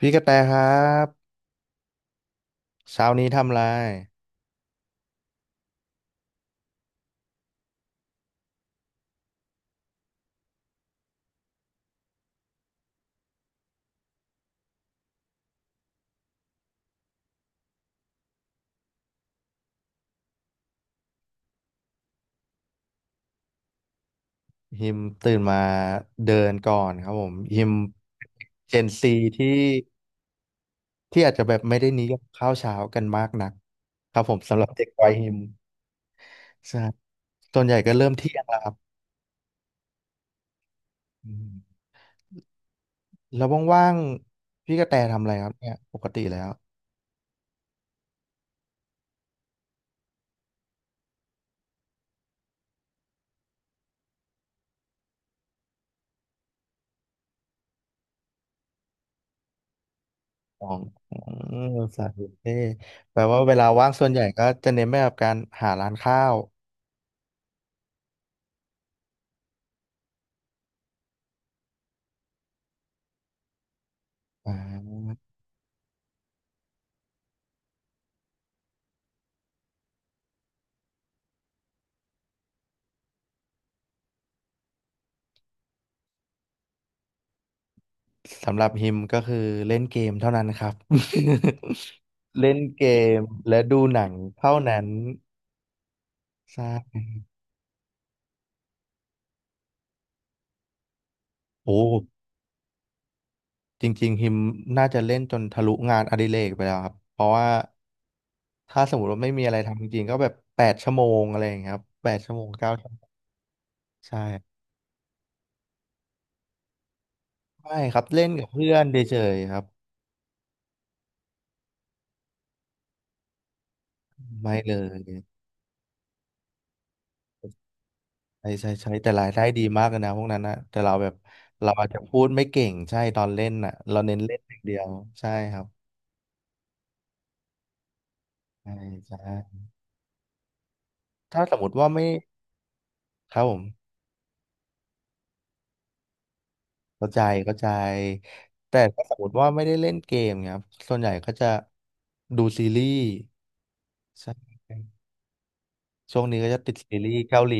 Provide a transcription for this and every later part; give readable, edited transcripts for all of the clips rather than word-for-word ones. พี่กระแตครับเช้านี้ทำอะไรฮิมตื่นมาเดินก่อนครับผมฮิมเจนซีที่ที่อาจจะแบบไม่ได้นิยมข้าวเช้ากันมากนักครับผมสำหรับเด็กวัยฮิมใช่ส่วนใหญ่ก็เริ่มเที่ยงแล้วครับอืมแล้วว่างๆพี่กระแตทำอะไรครับเนี่ยปกติแล้วของของสายบุฟเฟ่ต์แปลว่าเวลาว่างส่วนใหญ่ก็จะเน้นไปกับการหาร้านข้าวอ่า สำหรับฮิมก็คือเล่นเกมเท่านั้นครับ เล่นเกมและดูหนังเท่านั้นใช่โอ้จริงๆฮิมน่าจะเล่นจนทะลุงานอดิเรกไปแล้วครับเพราะว่าถ้าสมมติว่าไม่มีอะไรทำจริงๆก็แบบแปดชั่วโมงอะไรอย่างเงี้ยครับแปดชั่วโมงเก้าชั่วโมงใช่ไม่ครับเล่นกับเพื่อนเฉยๆครับไม่เลยใช่ใช่ใช่แต่รายได้ดีมากเลยนะพวกนั้นนะแต่เราแบบเราอาจจะพูดไม่เก่งใช่ตอนเล่นน่ะเราเน้นเล่นอย่างเดียวใช่ครับ ใช่ใช่ถ้าสมมติว่าไม่ครับผมเข้าใจเข้าใจแต่ถ้าสมมติว่าไม่ได้เล่นเกมเนี่ยครับส่วนใหญ่ก็จะดูซีรีส์ใช่ช่วงนี้ก็จะติดซีรีส์เกาหลี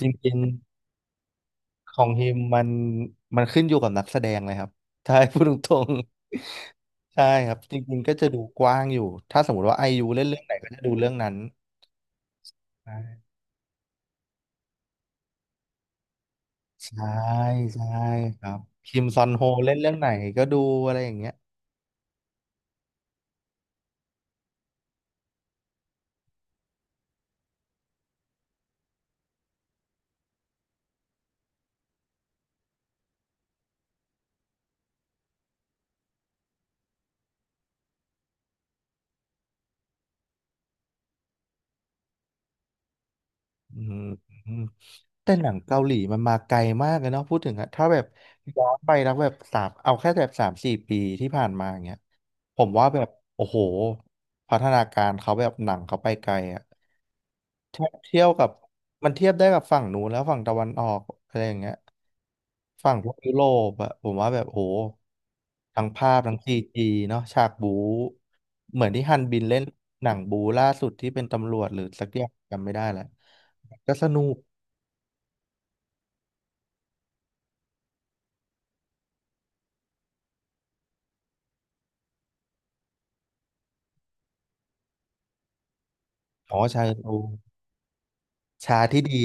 จริงๆของฮิมมันขึ้นอยู่กับนักแสดงเลยครับถ้าให้พูดตรงๆ ใช่ครับจริงๆก็จะดูกว้างอยู่ถ้าสมมติว่าไอยูเล่นเรื่องไหนก็จะดูเรื่องนั้นใช่ใช่ใช่ครับคิมซอนโฮเล่นเรื่องไหนก็ดูอะไรอย่างเงี้ย อืมแต่หนังเกาหลีมันมาไกลมากเลยเนาะพูดถึงอะถ้าแบบย้อนไปแล้วแบบสามเอาแค่แบบสามสี่ปีที่ผ่านมาอย่างเงี้ยผมว่าแบบโอ้โหพัฒนาการเขาแบบหนังเขาไปไกลอะเทียบกับมันเทียบได้กับฝั่งนู้นแล้วฝั่งตะวันออกอะไรอย่างเงี้ยฝั่งพวกยุโรปอะผมว่าแบบโหทั้งภาพทั้งซีจีเนาะฉากบู๊เหมือนที่ฮันบินเล่นหนังบู๊ล่าสุดที่เป็นตำรวจหรือสักอย่างจำไม่ได้แล้วก็สนุก อ๋อชาดูชาที่ดี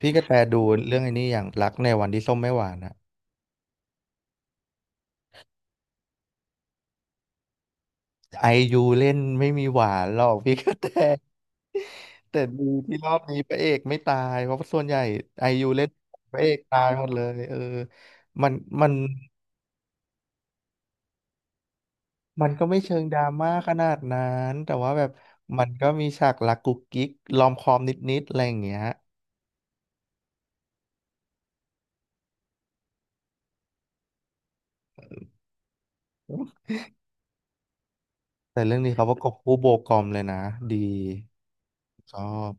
พี่กระแตดูเรื่องไอ้นี้อย่างรักในวันที่ส้มไม่หวานอะไอยูเล่นไม่มีหวานหรอกพี่กระแตแต่ดีที่รอบนี้พระเอกไม่ตายเพราะส่วนใหญ่ไอยูเล่นพระเอกตายหมดเลยเออมันมันมันก็ไม่เชิงดราม่าขนาดนั้นแต่ว่าแบบมันก็มีฉากรักกุ๊กกิ๊กลอมคอมนิดๆอะไรอย่างเงี้ยแต่เรื่องนี้เขาประกบคู่โบกอมเลยนะดีชอบ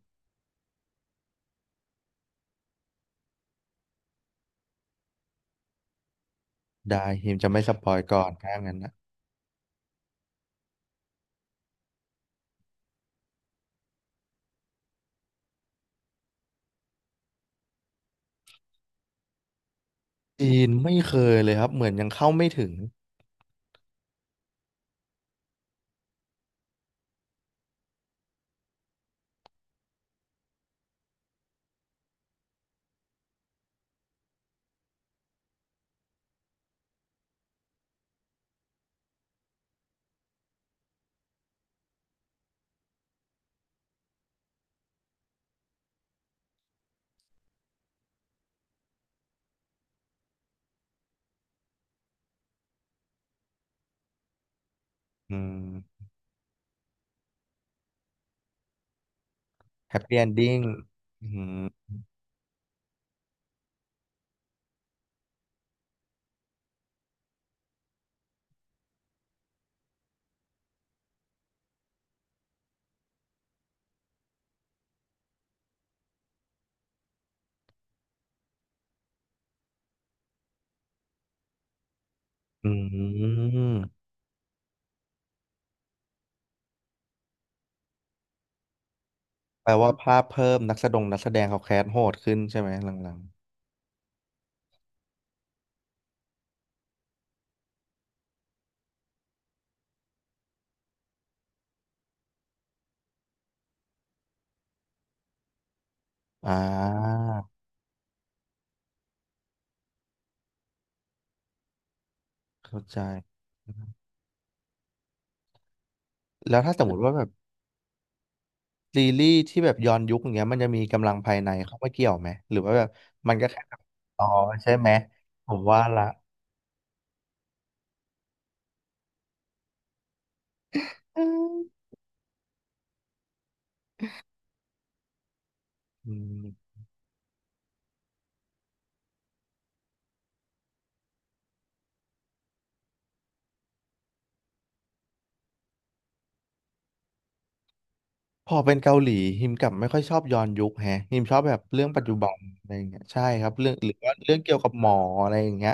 ได้ฮิมจะไม่สปอยก่อนถ้างั้นนะ จีนไม่เคยเลยครับเหมือนยังเข้าไม่ถึงอืมแฮปปี้เอนดิ้งอืมอืมแปลว่าภาพเพิ่มนักแสดงเขาแคสโหดขึ้นใช่ไหมหลังๆอ่าเข้าใจแล้วถ้าสมมติว่าแบบซีรีส์ที่แบบย้อนยุคอย่างเงี้ยมันจะมีกำลังภายในเข้ามาเกี่ยวไหมหรือว่าแบบมันก็แค่แบบอ๋อใช่ไหมผมว่าละอืม พอเป็นเกาหลีฮิมกลับไม่ค่อยชอบย้อนยุคแฮะฮิมชอบแบบเรื่องปัจจุบันอะไรอย่างเงี้ยใช่ครับเรื่องหรือว่าเรื่องเกี่ยวกับหมออะไรอย่างเงี้ย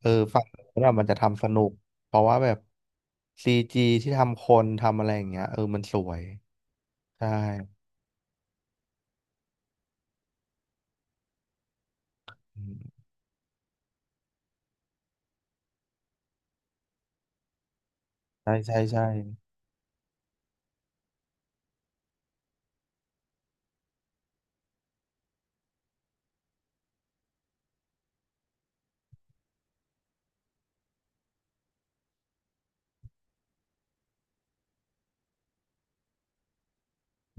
เออฟังแล้วแบบมันจะทำสนุกเพราะว่าแบบซีจีที่ทำคนทำอะไรอย่างเงี้ยเออมันสวยใช่อืมใช่ใช่ใช่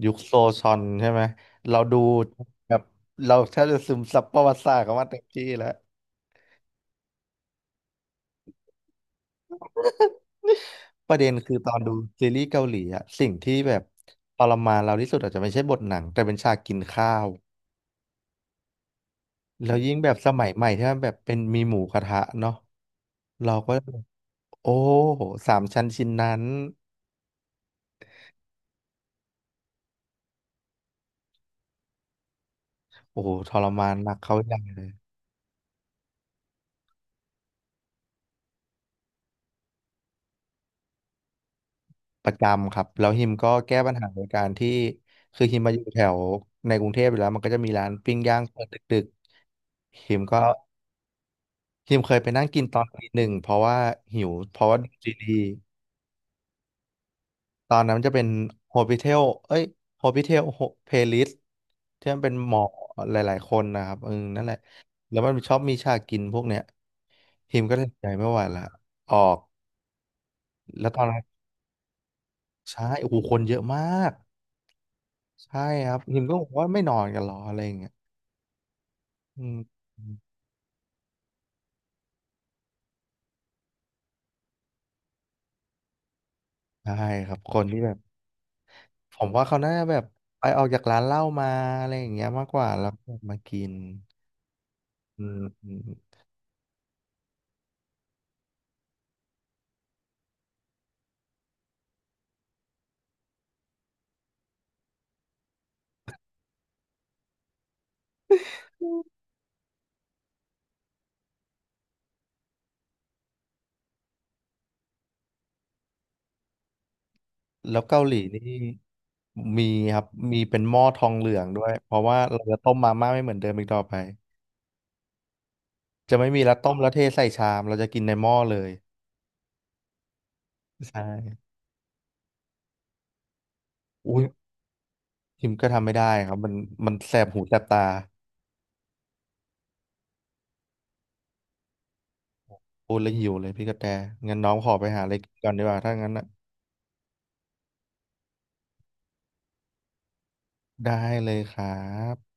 ยุคโซชอนใช่ไหมเราดูแบบเราแทบจะซึมซับประวัติศาสตร์เขามาเต็มที่แล้วประเด็นคือตอนดูซีรีส์เกาหลีอะสิ่งที่แบบทรมานเราที่สุดอาจจะไม่ใช่บทหนังแต่เป็นฉากกินข้าว แล้วยิ่งแบบสมัยใหม่ที่มันแบบเป็นมีหมูกระทะเนาะเราก็โอ้โหสามชั้นชิ้นนั้นโอ้โหทรมานหนักเขาอย่างเลยประจำครับแล้วฮิมก็แก้ปัญหาโดยการที่คือฮิมมาอยู่แถวในกรุงเทพอยู่แล้วมันก็จะมีร้านปิ้งย่างเปิดดึกๆฮิมก็ฮิมเคยไปนั่งกินตอนตีหนึ่งเพราะว่าหิวเพราะว่าดูซีรีส์ ตอนนั้นมันจะเป็นโฮ p ิเทลเอ้ยโฮ p ิเทลเพลิสที่มันเป็นหมอหลายๆคนนะครับเออนั่นแหละแล้วมันชอบมีฉากกินพวกเนี้ยทีมก็ตัดสินใจไม่ไหวละออกแล้วตอนนั้นใช่โอ้โหคนเยอะมากใช่ครับทีมก็บอกว่าไม่นอนกันหรออะไรอย่างเงี้ยอืมใช่ครับคนที่แบบผมว่าเขาน่าจะแบบไปออกจากร้านเหล้ามาอะไรอย่างเงี้ยมากกว่าแล้วมากินอืม แล้วเกาหลีนี่มีครับมีเป็นหม้อทองเหลืองด้วยเพราะว่าเราจะต้มมาม่าไม่เหมือนเดิมอีกต่อไปจะไม่มีแล้วต้มแล้วเทใส่ชามเราจะกินในหม้อเลยใช่อุ้ยพิมก็ทำไม่ได้ครับมันแสบหูแสบตาพูดแล้วหิวเลยพี่กระแตงั้นน้องขอไปหาอะไรกินก่อนดีกว่าถ้างั้นน่ะได้เลยครับ